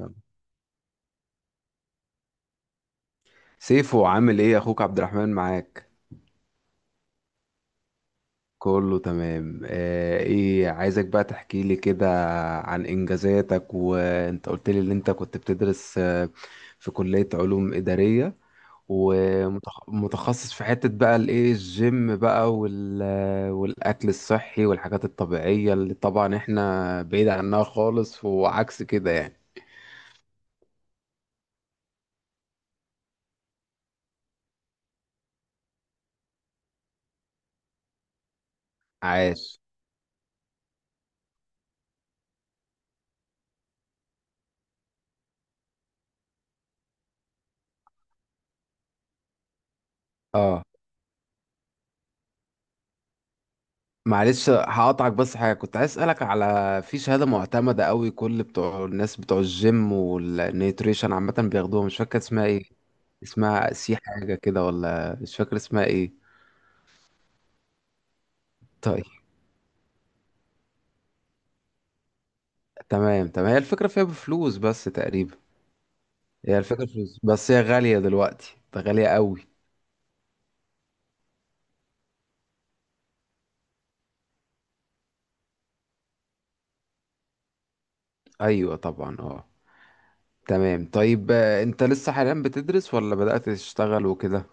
يلا. سيفو، عامل ايه؟ اخوك عبد الرحمن معاك. كله تمام. ايه، عايزك بقى تحكي لي كده عن انجازاتك. وانت قلت لي ان انت كنت بتدرس، في كلية علوم إدارية، ومتخصص في حتة بقى الجيم بقى، والاكل الصحي والحاجات الطبيعية اللي طبعا احنا بعيد عنها خالص، وعكس كده يعني. عاش. اه، معلش هقطعك، بس حاجة كنت عايز أسألك على في شهادة معتمدة قوي كل بتوع الناس بتوع الجيم والنيوتريشن عامة بياخدوها، مش فاكر اسمها ايه. اسمها سي حاجة كده، ولا مش فاكر اسمها ايه. طيب، تمام تمام. هي الفكرة فيها بفلوس بس تقريبا. هي الفكرة فلوس بس، هي غالية دلوقتي، ده غالية قوي. أيوة طبعا، اه. تمام. طيب، انت لسه حاليا بتدرس ولا بدأت تشتغل وكده؟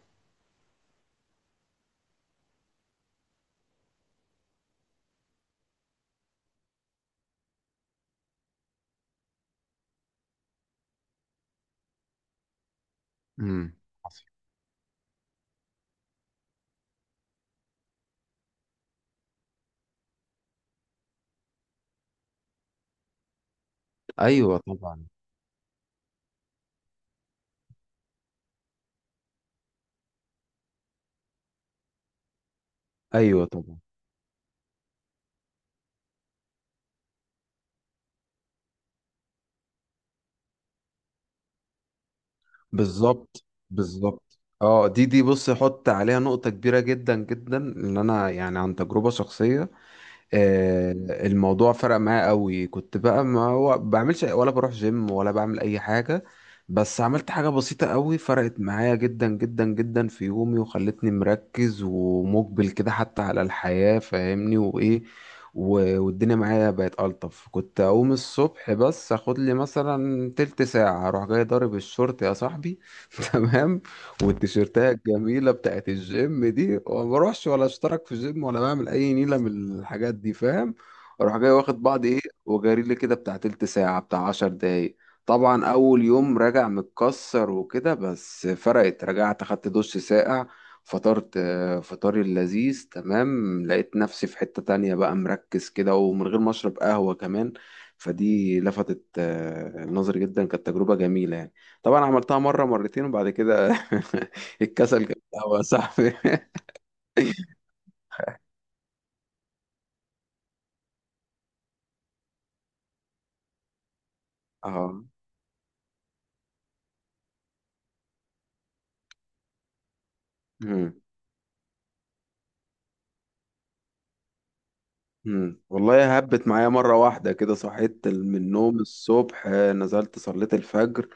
امم. ايوه طبعا. ايوه طبعا. بالظبط بالظبط. اه، دي دي بص، حط عليها نقطة كبيرة جدا جدا، ان انا يعني عن تجربة شخصية، آه، الموضوع فرق معايا قوي. كنت بقى ما هو بعملش ولا بروح جيم ولا بعمل اي حاجة، بس عملت حاجة بسيطة قوي فرقت معايا جدا جدا جدا في يومي، وخلتني مركز ومقبل كده حتى على الحياة، فاهمني؟ وايه، والدنيا معايا بقت ألطف. كنت أقوم الصبح بس أخد لي مثلا تلت ساعة، أروح جاي ضارب الشورت يا صاحبي، تمام، والتيشيرتات الجميله بتاعت الجيم دي، وما بروحش ولا اشترك في جيم ولا بعمل اي نيله من الحاجات دي، فاهم؟ اروح جاي واخد بعض ايه، وجاري لي كده بتاع تلت ساعه، بتاع 10 دقايق. طبعا اول يوم راجع متكسر وكده، بس فرقت. رجعت اخدت دش ساقع، فطرت فطاري اللذيذ. تمام. لقيت نفسي في حتة تانية بقى، مركز كده ومن غير ما اشرب قهوة كمان. فدي لفتت النظر جدا، كانت تجربة جميلة يعني. طبعا عملتها مرة مرتين وبعد كده الكسل كان قهوة يا صاحبي اه. مم. مم. والله هبت معايا مرة واحدة كده، صحيت من النوم الصبح، نزلت صليت الفجر،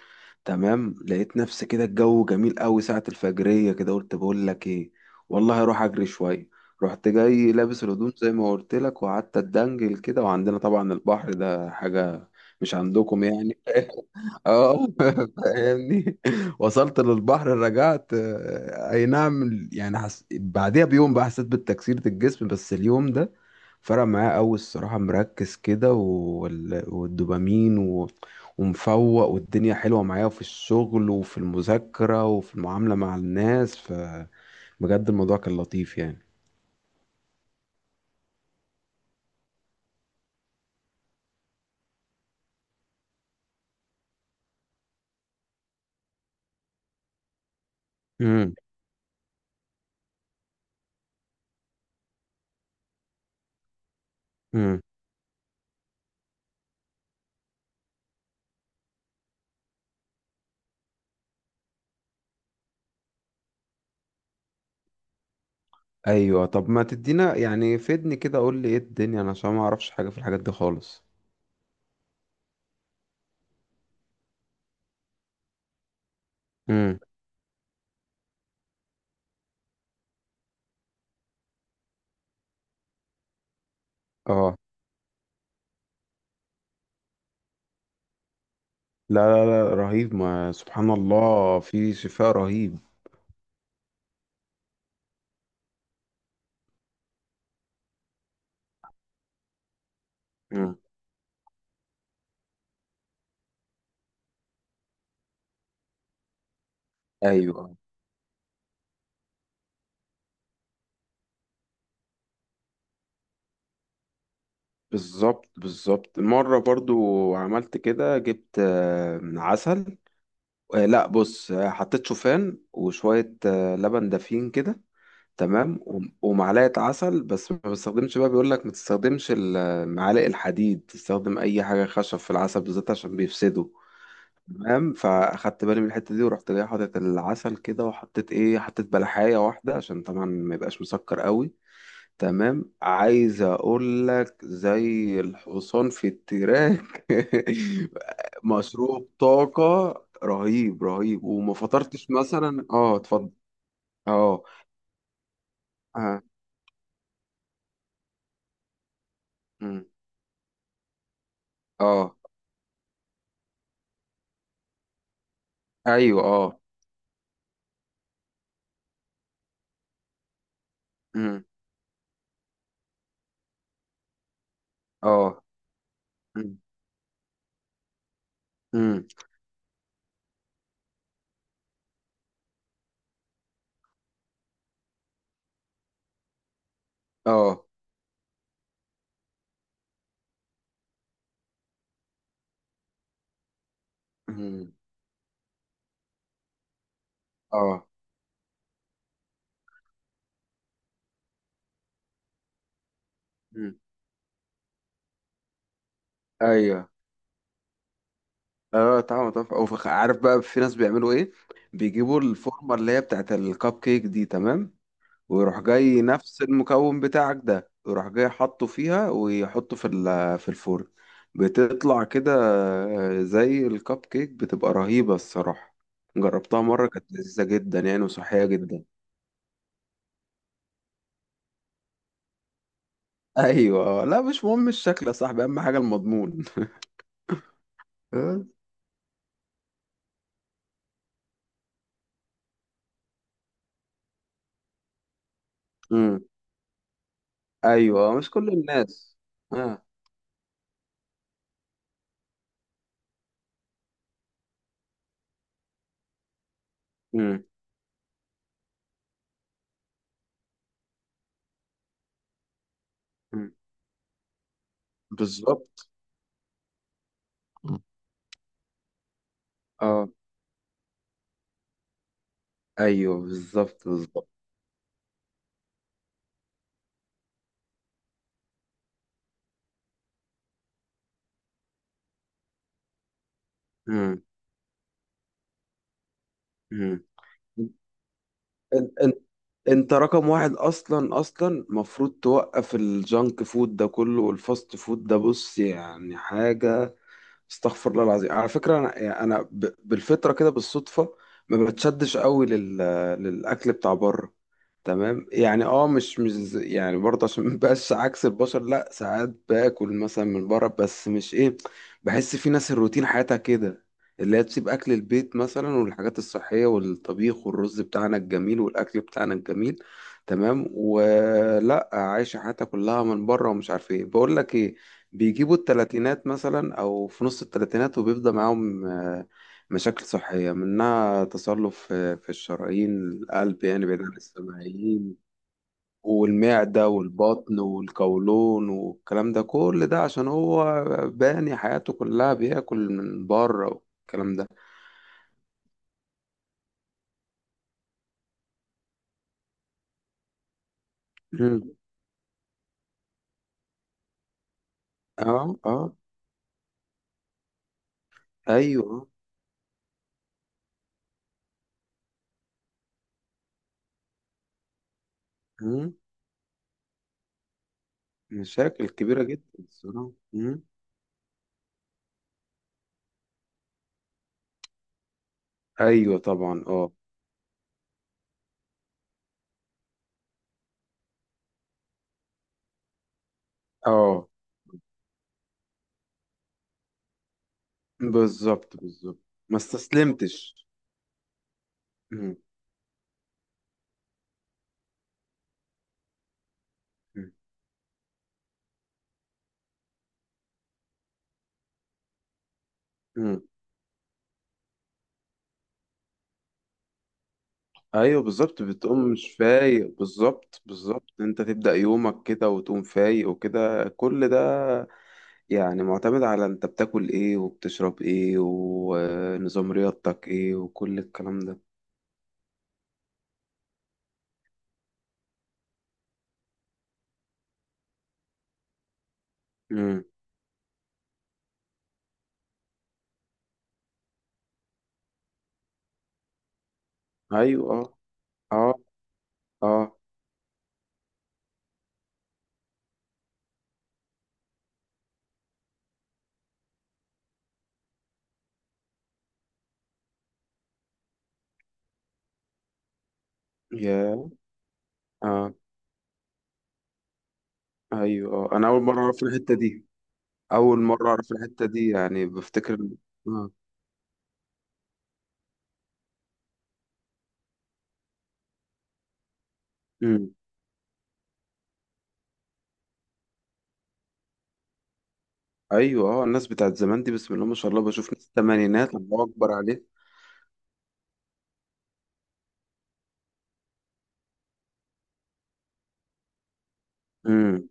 تمام، لقيت نفسي كده الجو جميل قوي ساعة الفجرية كده. قلت بقول لك ايه، والله هروح اجري شوية. رحت جاي لابس الهدوم زي ما قلت لك، وقعدت اتدنجل كده، وعندنا طبعا البحر ده حاجة، مش عندكم يعني اه فاهمني؟ وصلت للبحر، رجعت، آه، اي نعم يعني حس... بعدها بيوم بقى حسيت بتكسيرة الجسم، بس اليوم ده فرق معايا قوي الصراحة. مركز كده والدوبامين ومفوق، والدنيا حلوة معايا في الشغل وفي المذاكرة وفي المعاملة مع الناس، فبجد الموضوع كان لطيف يعني. امم. امم. ايوه، طب ما تدينا يعني، فدني كده قول لي ايه الدنيا، انا عشان ما اعرفش حاجة في الحاجات دي خالص. امم. اه. لا لا لا، رهيب. ما سبحان الله في شفاء رهيب. مم. ايوه بالظبط بالظبط. مرة برضو عملت كده، جبت عسل، لا بص، حطيت شوفان وشوية لبن دافين كده، تمام، ومعلقة عسل. بس ما بستخدمش بقى، بيقولك ما تستخدمش معالق الحديد، تستخدم أي حاجة خشب في العسل بالذات عشان بيفسده. تمام، فاخدت بالي من الحته دي. ورحت جاي حاطط العسل كده، وحطيت ايه، حطيت بلحايه واحده عشان طبعا ما يبقاش مسكر قوي. تمام، عايز اقول لك زي الحصان في التراك مشروب طاقه. رهيب رهيب. وما فطرتش مثلا، اه، اتفضل. اه. اه. مم. اه. ايوه اه. مم. اه. مم. مم. اه. مم. اه. مم. ايوه اه، طعمه تحفة. او عارف بقى في ناس بيعملوا ايه، بيجيبوا الفورمة اللي هي بتاعت الكب كيك دي، تمام، ويروح جاي نفس المكون بتاعك ده، ويروح جاي حاطه فيها، ويحطه في في الفرن، بتطلع كده زي الكب كيك، بتبقى رهيبة الصراحة. جربتها مرة، كانت لذيذة جدا يعني، وصحية جدا. ايوه، لا مش مهم الشكل يا صاحبي، اهم حاجة المضمون. آه. امم. ايوه، مش كل الناس. اه. امم. أمم. بالظبط. اه. ايوه بالظبط بالظبط. مم. مم. ان- ان- انت رقم واحد، اصلا اصلا مفروض توقف الجانك فود ده كله، والفاست فود ده. بص يعني حاجة، استغفر الله العظيم، على فكرة أنا يعني أنا بالفطرة كده بالصدفة ما بتشدش قوي للأكل بتاع بره. تمام يعني، اه، مش مش ز- يعني برضه عشان مبقاش عكس البشر، لا ساعات باكل مثلا من بره، بس مش ايه، بحس في ناس الروتين حياتها كده، اللي هي تسيب أكل البيت مثلا والحاجات الصحية، والطبيخ والرز بتاعنا الجميل والأكل بتاعنا الجميل، تمام، ولا عايشة حياتها كلها من بره ومش عارف ايه. بقول لك ايه، بيجيبوا التلاتينات مثلا او في نص التلاتينات، وبيبدأ معاهم مشاكل صحية، منها تصلب في الشرايين، القلب يعني، بعيد عن السمعيين، والمعدة والبطن والقولون والكلام ده، كل ده عشان هو باني حياته كلها بياكل من بره والكلام ده. مم. اه. اه. ايوه. مم. مشاكل كبيرة جدا الصراحة. مم. ايوه طبعا اه. اه بالظبط بالظبط، ما استسلمتش. مم. مم. مم. ايوه بالظبط، بتقوم مش فايق. بالظبط بالظبط، انت تبدأ يومك كده وتقوم فايق وكده، كل ده يعني معتمد على انت بتاكل ايه وبتشرب ايه، ونظام رياضتك ايه، وكل الكلام ده. مم. ايوه اه. اه. اه. يا. اه. ايوه اه، انا اول مرة اعرف الحتة دي. اول مرة اعرف الحتة دي يعني، بفتكر. اه. مم. ايوه اه، الناس بتاعت زمان دي بسم الله ما شاء الله، بشوف ناس الثمانينات الله اكبر عليه. امم.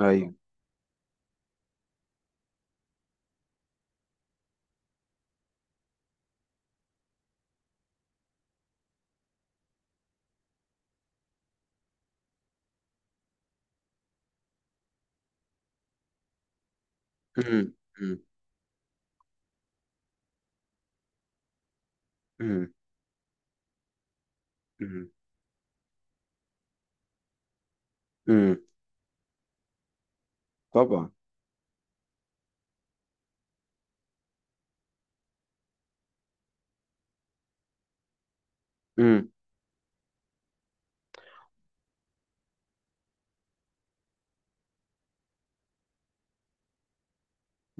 ايوه. امم. امم. امم. امم. أمم. طبعا. امم.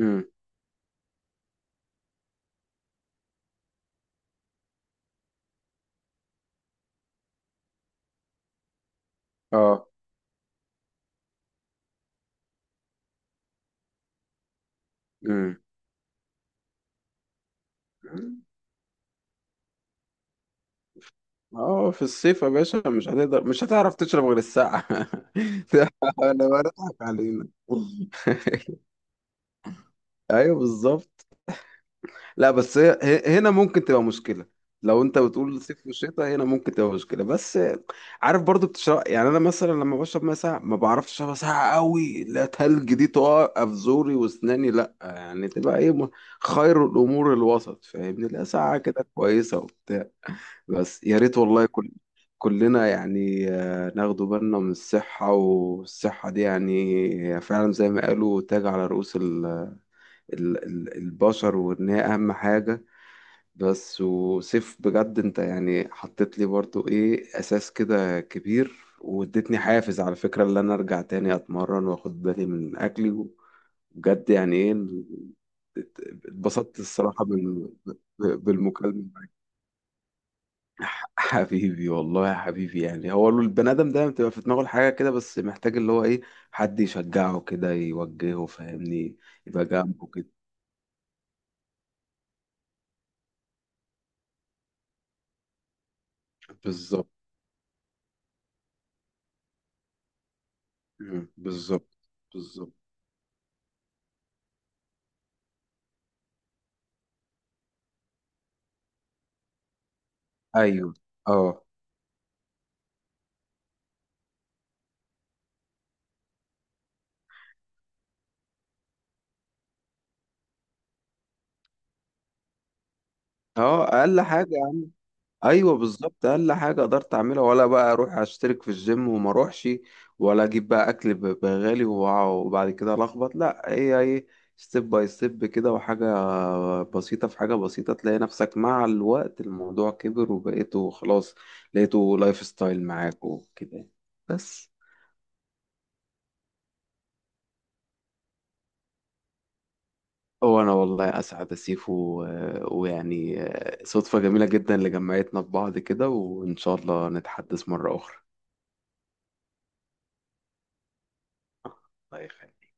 امم. اه. امم. أمم. اه، في الصيف يا باشا مش هتقدر، مش هتعرف تشرب غير الساعة انا بضحك علينا ايوه بالظبط. لا بس هنا ممكن تبقى مشكلة. لو انت بتقول صيف وشتاء، هنا ممكن تبقى مشكلة، بس عارف برضو بتشرب يعني، انا مثلا لما بشرب ميه ساقعة ما بعرفش اشربها ساقعة قوي، لا تلج دي تقع في زوري واسناني، لا يعني تبقى ايه، خير الامور الوسط، فاهمني؟ لا ساقعة كده كويسة وبتاع. بس يا ريت، والله كل كلنا يعني ناخدوا بالنا من الصحة، والصحة دي يعني هي فعلا زي ما قالوا تاج على رؤوس البشر، وإن هي أهم حاجة. بس وسيف، بجد انت يعني حطيت لي برضو ايه، اساس كده كبير، واديتني حافز على فكرة اللي انا ارجع تاني اتمرن واخد بالي من اكلي. بجد يعني ايه، اتبسطت الصراحة بالمكالمة. حبيبي، والله يا حبيبي يعني، هو البني ادم دايما بتبقى في دماغه الحاجة كده، بس محتاج اللي هو ايه، حد يشجعه كده، يوجهه فاهمني، يبقى جنبه كده. بالظبط. مم. بالظبط. بالظبط. ايوه. اه. اه اقل حاجه. ايوه بالظبط، اقل حاجه قدرت اعملها، ولا بقى اروح اشترك في الجيم وما اروحش، ولا اجيب بقى اكل بغالي وبعد كده لخبط، لا هي ايه، ستيب باي ستيب كده. وحاجه بسيطه في حاجه بسيطه تلاقي نفسك مع الوقت الموضوع كبر، وبقيته خلاص لقيته لايف ستايل معاك وكده يعني. بس. هو انا والله اسعد يا سيفو، ويعني صدفه جميله جدا اللي جمعتنا ببعض كده، وان شاء الله نتحدث مره اخرى. الله يخليك.